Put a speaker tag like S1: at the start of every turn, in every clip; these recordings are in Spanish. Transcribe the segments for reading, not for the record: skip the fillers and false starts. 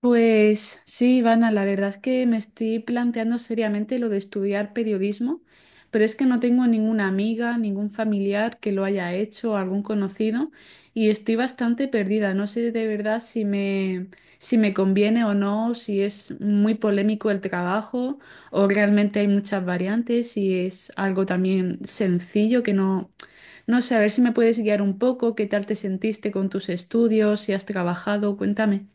S1: Pues sí, Ivana, la verdad es que me estoy planteando seriamente lo de estudiar periodismo, pero es que no tengo ninguna amiga, ningún familiar que lo haya hecho, algún conocido, y estoy bastante perdida. No sé de verdad si me conviene o no, si es muy polémico el trabajo o realmente hay muchas variantes, si es algo también sencillo que no... No sé, a ver si me puedes guiar un poco, qué tal te sentiste con tus estudios, si has trabajado, cuéntame.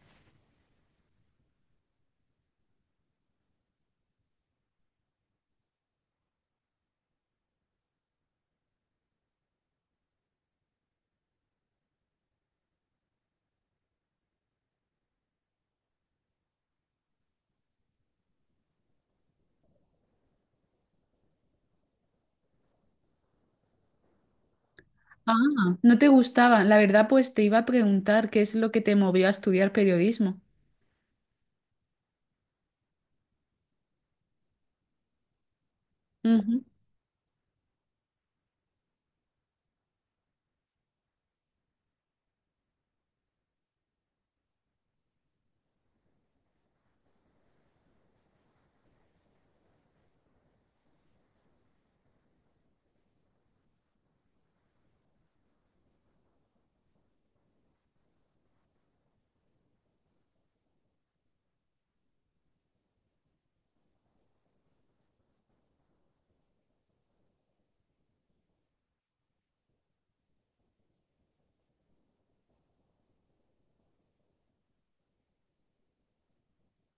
S1: Ah, no te gustaba. La verdad, pues te iba a preguntar qué es lo que te movió a estudiar periodismo. Ujú.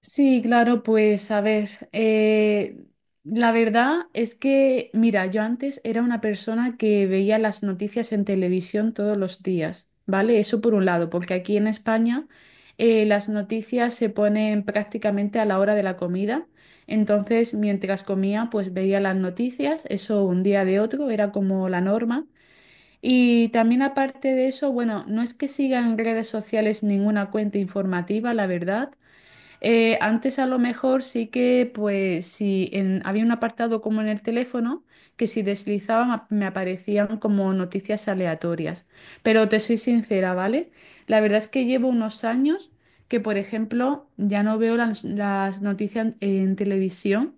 S1: Sí, claro, pues a ver, la verdad es que, mira, yo antes era una persona que veía las noticias en televisión todos los días, ¿vale? Eso por un lado, porque aquí en España las noticias se ponen prácticamente a la hora de la comida. Entonces, mientras comía, pues veía las noticias, eso un día de otro, era como la norma. Y también aparte de eso, bueno, no es que siga en redes sociales ninguna cuenta informativa, la verdad. Antes a lo mejor sí que, pues, si en- había un apartado como en el teléfono, que si me aparecían como noticias aleatorias. Pero te soy sincera, ¿vale? La verdad es que llevo unos años que, por ejemplo, ya no veo las noticias en televisión.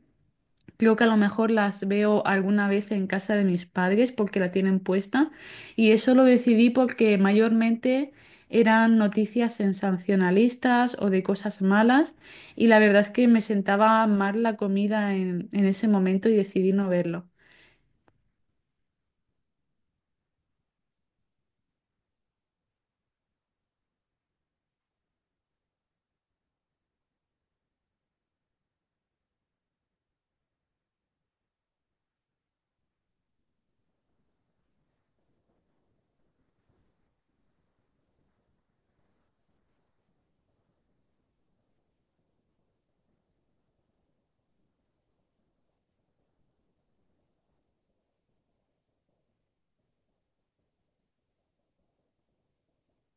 S1: Creo que a lo mejor las veo alguna vez en casa de mis padres porque la tienen puesta y eso lo decidí porque mayormente eran noticias sensacionalistas o de cosas malas y la verdad es que me sentaba mal la comida en ese momento y decidí no verlo.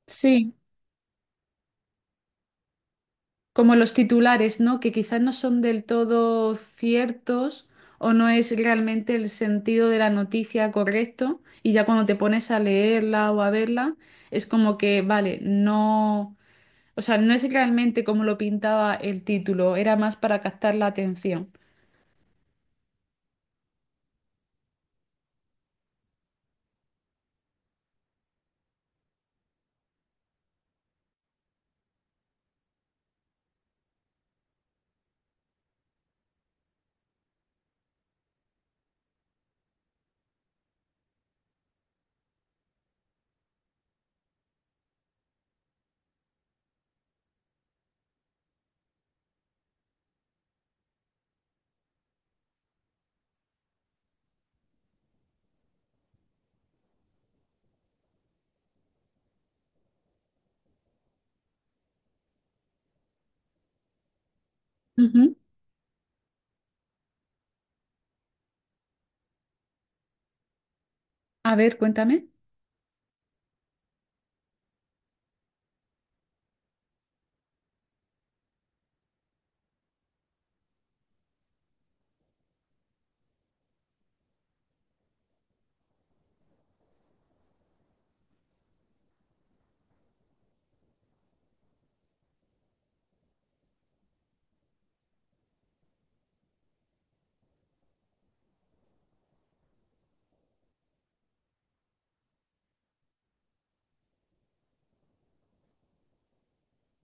S1: Sí. Como los titulares, ¿no? Que quizás no son del todo ciertos o no es realmente el sentido de la noticia correcto. Y ya cuando te pones a leerla o a verla, es como que, vale, no, o sea, no es realmente como lo pintaba el título, era más para captar la atención. Ujú. A ver, cuéntame.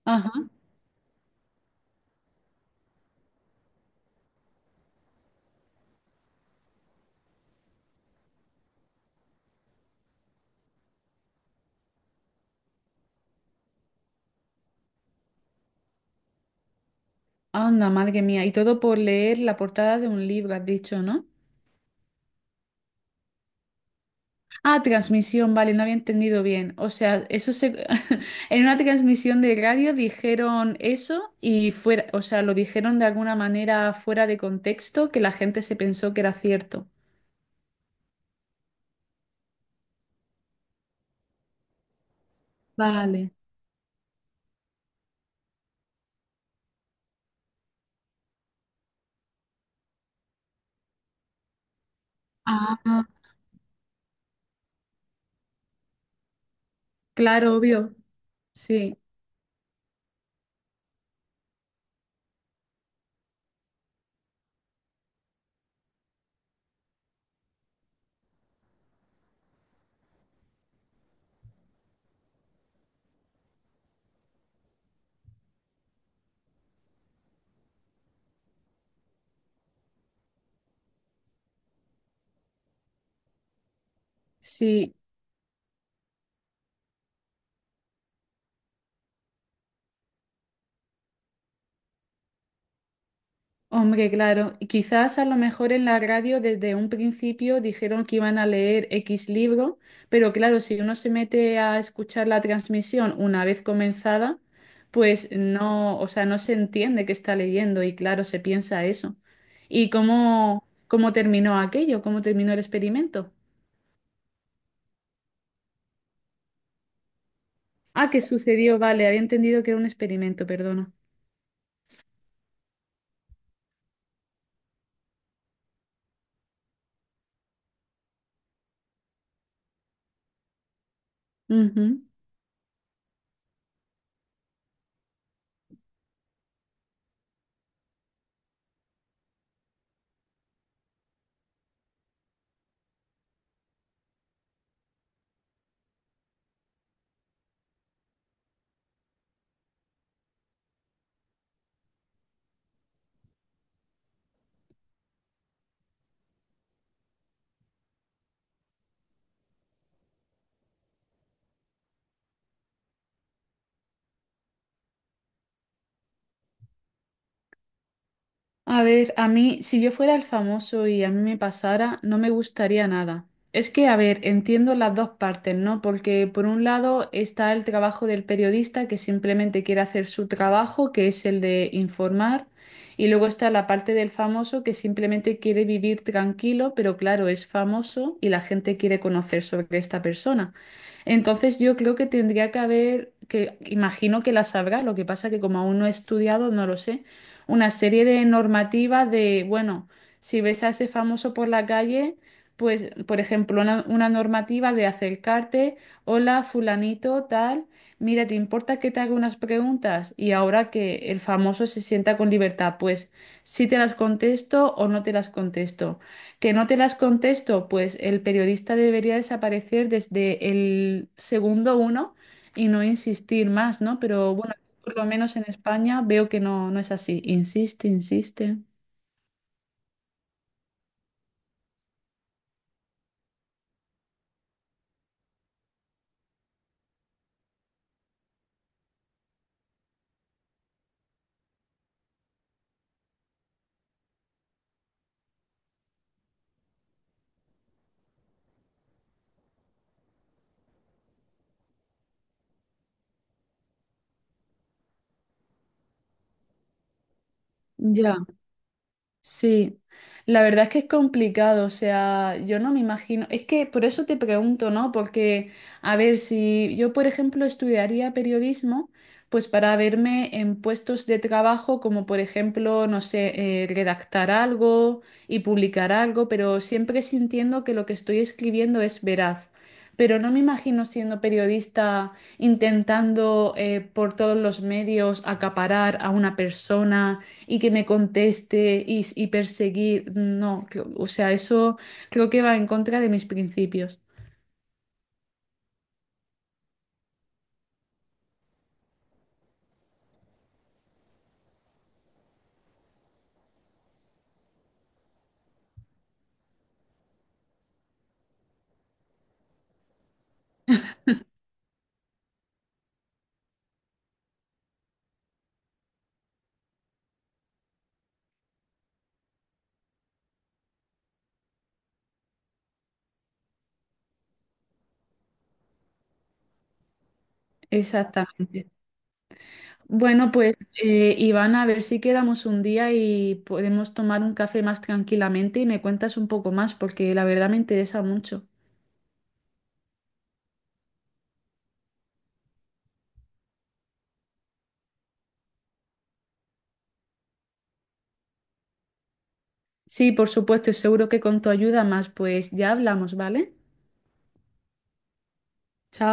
S1: Ajá, anda, madre mía. Y todo por leer la portada de un libro, has dicho, ¿no? Ah, transmisión, vale, no había entendido bien. O sea, eso se... en una transmisión de radio dijeron eso y fuera, o sea, lo dijeron de alguna manera fuera de contexto que la gente se pensó que era cierto. Vale. Ah, ah, claro, obvio. Sí, sí. Hombre, claro, y quizás a lo mejor en la radio desde un principio dijeron que iban a leer X libro, pero claro, si uno se mete a escuchar la transmisión una vez comenzada, pues no, o sea, no se entiende qué está leyendo y claro, se piensa eso. ¿Y cómo terminó aquello? ¿Cómo terminó el experimento? Ah, que sucedió, vale, había entendido que era un experimento, perdona. Ujú. A ver, a mí, si yo fuera el famoso y a mí me pasara, no me gustaría nada. Es que, a ver, entiendo las dos partes, ¿no? Porque por un lado está el trabajo del periodista que simplemente quiere hacer su trabajo, que es el de informar, y luego está la parte del famoso que simplemente quiere vivir tranquilo, pero claro, es famoso y la gente quiere conocer sobre esta persona. Entonces yo creo que tendría que haber, que imagino que la sabrá, lo que pasa que como aún no he estudiado, no lo sé, una serie de normativas de, bueno, si ves a ese famoso por la calle, pues, por ejemplo, una normativa de acercarte, hola, fulanito, tal, mira, ¿te importa que te haga unas preguntas? Y ahora que el famoso se sienta con libertad, pues si te las contesto o no te las contesto. Que no te las contesto, pues el periodista debería desaparecer desde el segundo uno y no insistir más, ¿no? Pero bueno. Por lo menos en España veo que no, no es así. Insiste, insiste. Ya. Sí, la verdad es que es complicado, o sea, yo no me imagino, es que por eso te pregunto, ¿no? Porque, a ver, si yo, por ejemplo, estudiaría periodismo, pues para verme en puestos de trabajo como, por ejemplo, no sé, redactar algo y publicar algo, pero siempre sintiendo que lo que estoy escribiendo es veraz. Pero no me imagino siendo periodista intentando por todos los medios acaparar a una persona y que me conteste y perseguir. No, o sea, eso creo que va en contra de mis principios. Exactamente. Bueno, pues Iván, a ver si quedamos un día y podemos tomar un café más tranquilamente y me cuentas un poco más, porque la verdad me interesa mucho. Sí, por supuesto, y seguro que con tu ayuda más, pues ya hablamos, ¿vale? Chao.